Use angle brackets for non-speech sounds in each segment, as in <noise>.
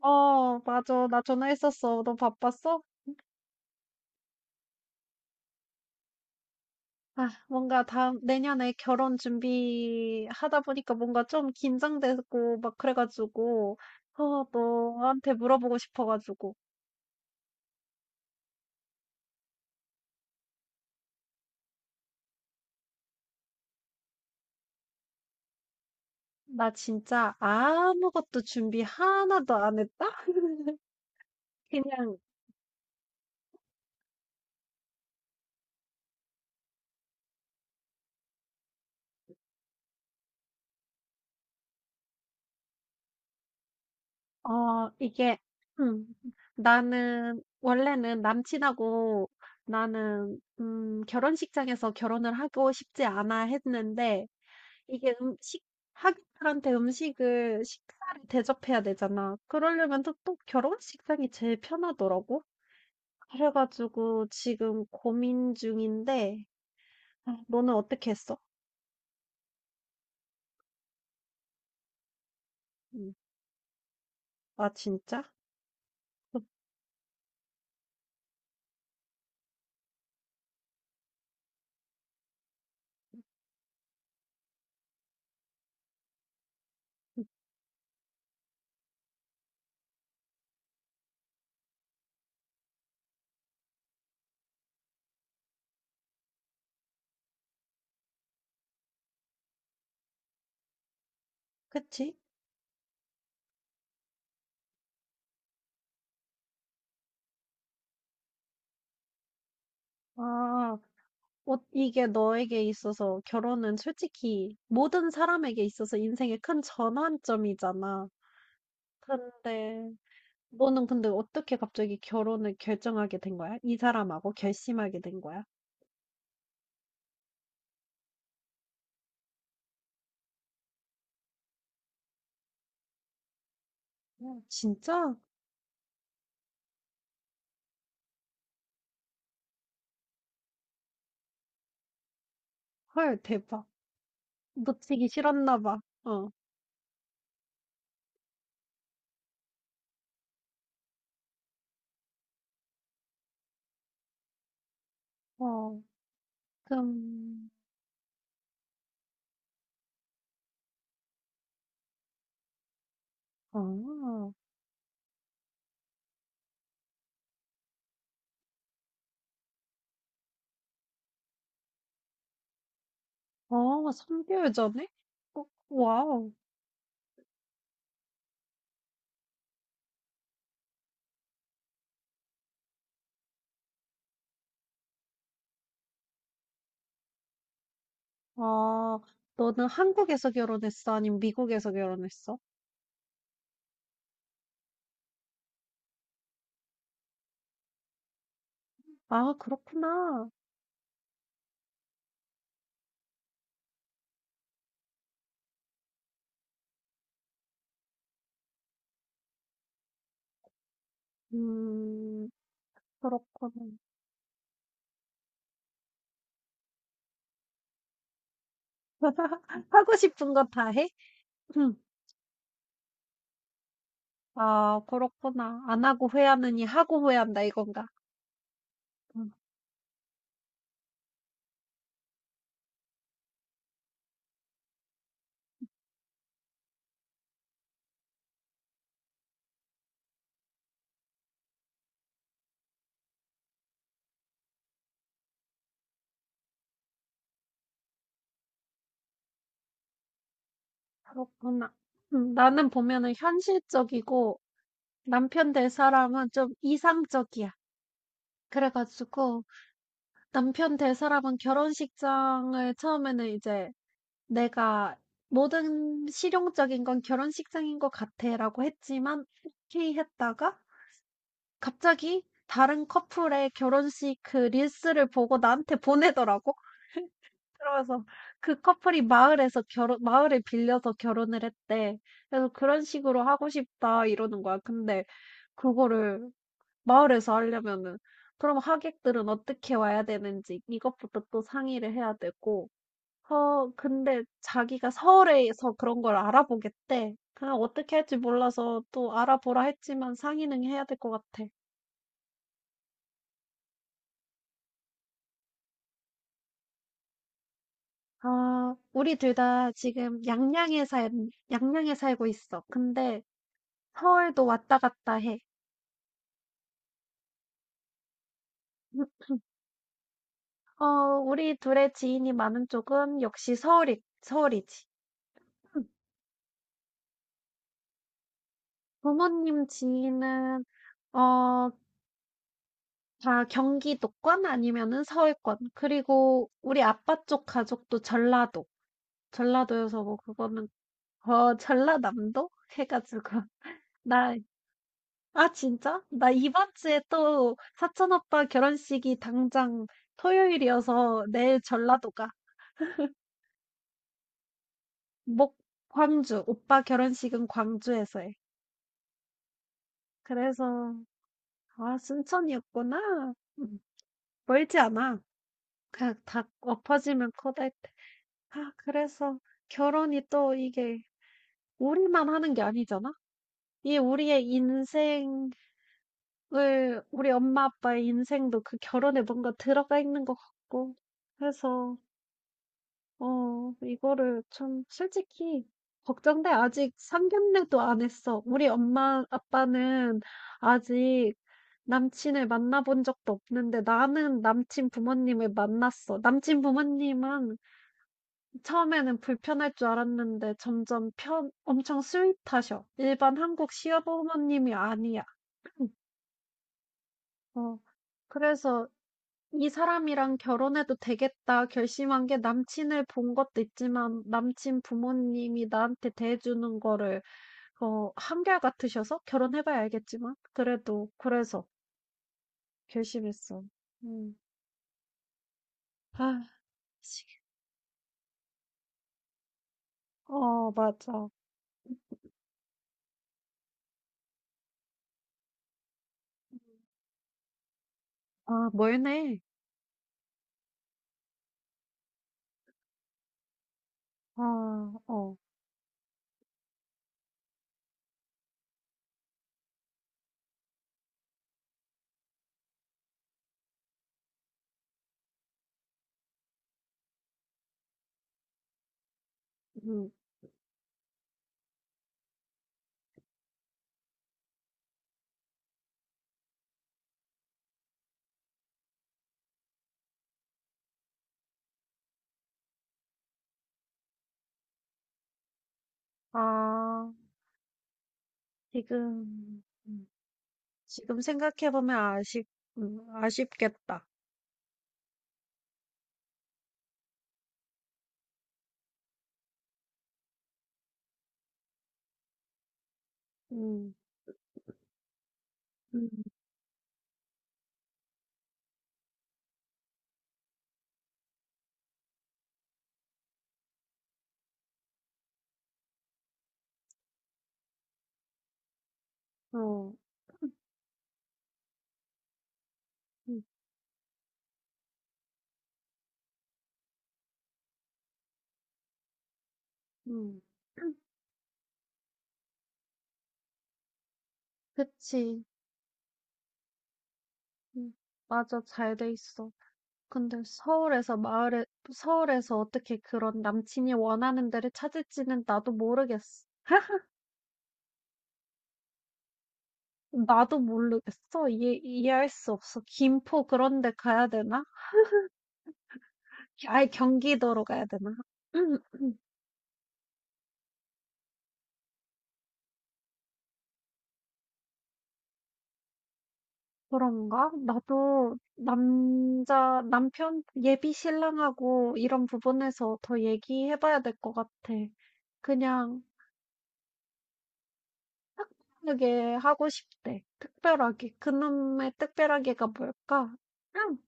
어, 맞아. 나 전화했었어. 너 바빴어? 아, 뭔가 다음, 내년에 결혼 준비하다 보니까 뭔가 좀 긴장되고 막 그래가지고, 어, 너한테 물어보고 싶어가지고. 나 진짜 아무것도 준비 하나도 안 했다? <laughs> 그냥, 어, 이게, 음, 나는, 원래는 남친하고 나는, 결혼식장에서 결혼을 하고 싶지 않아 했는데, 이게 음식 하객들한테 음식을 식사를 대접해야 되잖아. 그러려면 또, 또 결혼식상이 제일 편하더라고. 그래 가지고 지금 고민 중인데 아, 너는 어떻게 했어? 음. 아 진짜? 음, 음. 그치? 아, 어, 이게 너에게 있어서 결혼은 솔직히 모든 사람에게 있어서 인생의 큰 전환점이잖아. 근데 너는 근데 어떻게 갑자기 결혼을 결정하게 된 거야? 이 사람하고 결심하게 된 거야? 어, 진짜? 헐, 대박. 놓치기 싫었나 봐. 어, 어, 그럼, 어, 어, 3개월 전에? 어, 와우. 아, 너는 한국에서 결혼했어? 아니면 미국에서 결혼했어? 아, 그렇구나. 음, 그렇구나. <laughs> 하고 싶은 거 다 해? 음, 아, 그렇구나. 안 하고 후회하느니 하고 후회한다, 이건가? 음. 그렇구나. 나는 보면은 현실적이고 남편 될 사람은 좀 이상적이야. 그래가지고 남편 될 사람은 결혼식장을 처음에는 이제 내가 모든 실용적인 건 결혼식장인 것 같아라고 했지만 오케이 했다가 갑자기 다른 커플의 결혼식 그 릴스를 보고 나한테 보내더라고. 그러면서 그 커플이 마을에서 결혼 마을을 빌려서 결혼을 했대. 그래서 "그런 식으로 하고 싶다." 이러는 거야. 근데 그거를 마을에서 하려면은 그럼 하객들은 어떻게 와야 되는지 이것부터 또 상의를 해야 되고 어 근데 자기가 서울에서 그런 걸 알아보겠대. 그냥 어떻게 할지 몰라서 또 알아보라 했지만 상의는 해야 될 것 같아. 아, 우리 둘 다 지금 양양에 살고 있어. 근데 서울도 왔다 갔다 해. 음, 어, 우리 둘의 지인이 많은 쪽은 역시 서울이지. 음, 부모님 지인은, 어, 다 경기도권 아니면은 서울권. 그리고 우리 아빠 쪽 가족도 전라도. 전라도여서 뭐 그거는, 어, 전라남도? 해가지고. <laughs> 나, 아, 진짜? 나 이번 주에 또 사촌 오빠 결혼식이 당장 토요일이어서 내일 전라도 가. 목 광주. 오빠 결혼식은 광주에서 해. 그래서 아, 순천이었구나. 음, 멀지 않아. 그냥 다 엎어지면 커다했 아, 그래서 결혼이 또 이게 우리만 하는 게 아니잖아. 이 우리의 인생을 우리 엄마 아빠의 인생도 그 결혼에 뭔가 들어가 있는 것 같고. 그래서 어 이거를 참 솔직히 걱정돼. 아직 상견례도 안 했어. 우리 엄마 아빠는 아직 남친을 만나본 적도 없는데 나는 남친 부모님을 만났어. 남친 부모님은 처음에는 불편할 줄 알았는데 점점 편 엄청 스윗하셔. 일반 한국 시어머님이 아니야. 어 그래서 '이 사람이랑 결혼해도 되겠다.' 결심한 게 남친을 본 것도 있지만 남친 부모님이 나한테 대해주는 거를 어 한결같으셔서 결혼해 봐야 알겠지만 그래도 그래서 결심했어. 음. 아 시 어 맞아. 아 멀네. 아 어. 음. 아 지금 지금 생각해 보면 아쉽겠다. 음. 음. 어. 음. 음. 그치. 음. 맞아. 잘 돼 있어. 근데 서울에서 어떻게 그런 남친이 원하는 데를 찾을지는 나도 모르겠어. 나도 모르겠어. 이해할 수 없어. 김포 그런 데 가야 되나? 아예 경기도로 가야 되나? <clears throat> 그런가? 나도 남자 남편 예비 신랑하고 이런 부분에서 더 얘기해봐야 될 것 같아. 그냥 특별하게 하고 싶대. 특별하게. 그놈의 특별하게가 뭘까? 응.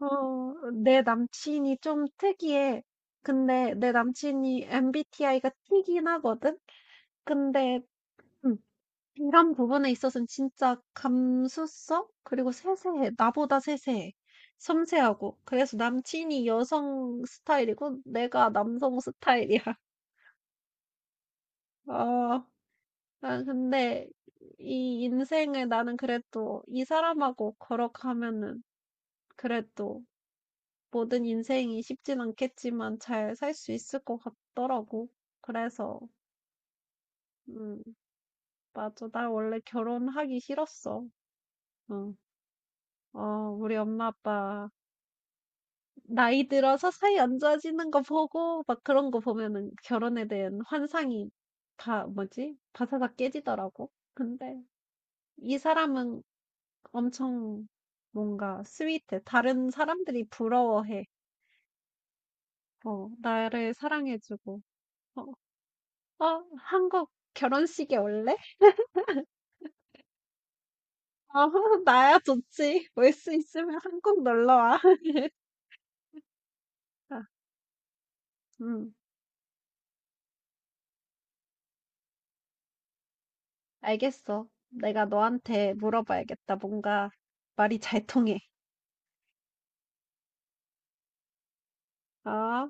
어, 내 남친이 좀 특이해. 근데 내 남친이 MBTI가 T긴 하거든? 근데, 음, 이런 부분에 있어서는 진짜 감수성? 그리고 세세해. 나보다 세세해. 섬세하고. 그래서 남친이 여성 스타일이고, 내가 남성 스타일이야. <laughs> 아. 아 근데 이 인생을 나는 그래도 이 사람하고 걸어가면은 그래도 모든 인생이 쉽진 않겠지만 잘 살 수 있을 것 같더라고. 그래서, 음, 맞아. 나 원래 결혼하기 싫었어. 응. 어, 우리 엄마 아빠 나이 들어서 사이 안 좋아지는 거 보고 막 그런 거 보면은 결혼에 대한 환상이 다 뭐지? 바사삭 깨지더라고. 근데 이 사람은 엄청 뭔가 스윗해. 다른 사람들이 부러워해. 어, 나를 사랑해주고. 어, 어, 한국 결혼식에 올래? 어, <laughs> 나야 좋지. 올 수 있으면 한국 놀러 와. <laughs> 아, 음, 알겠어. 내가 너한테 물어봐야겠다. 뭔가 말이 잘 통해. 아.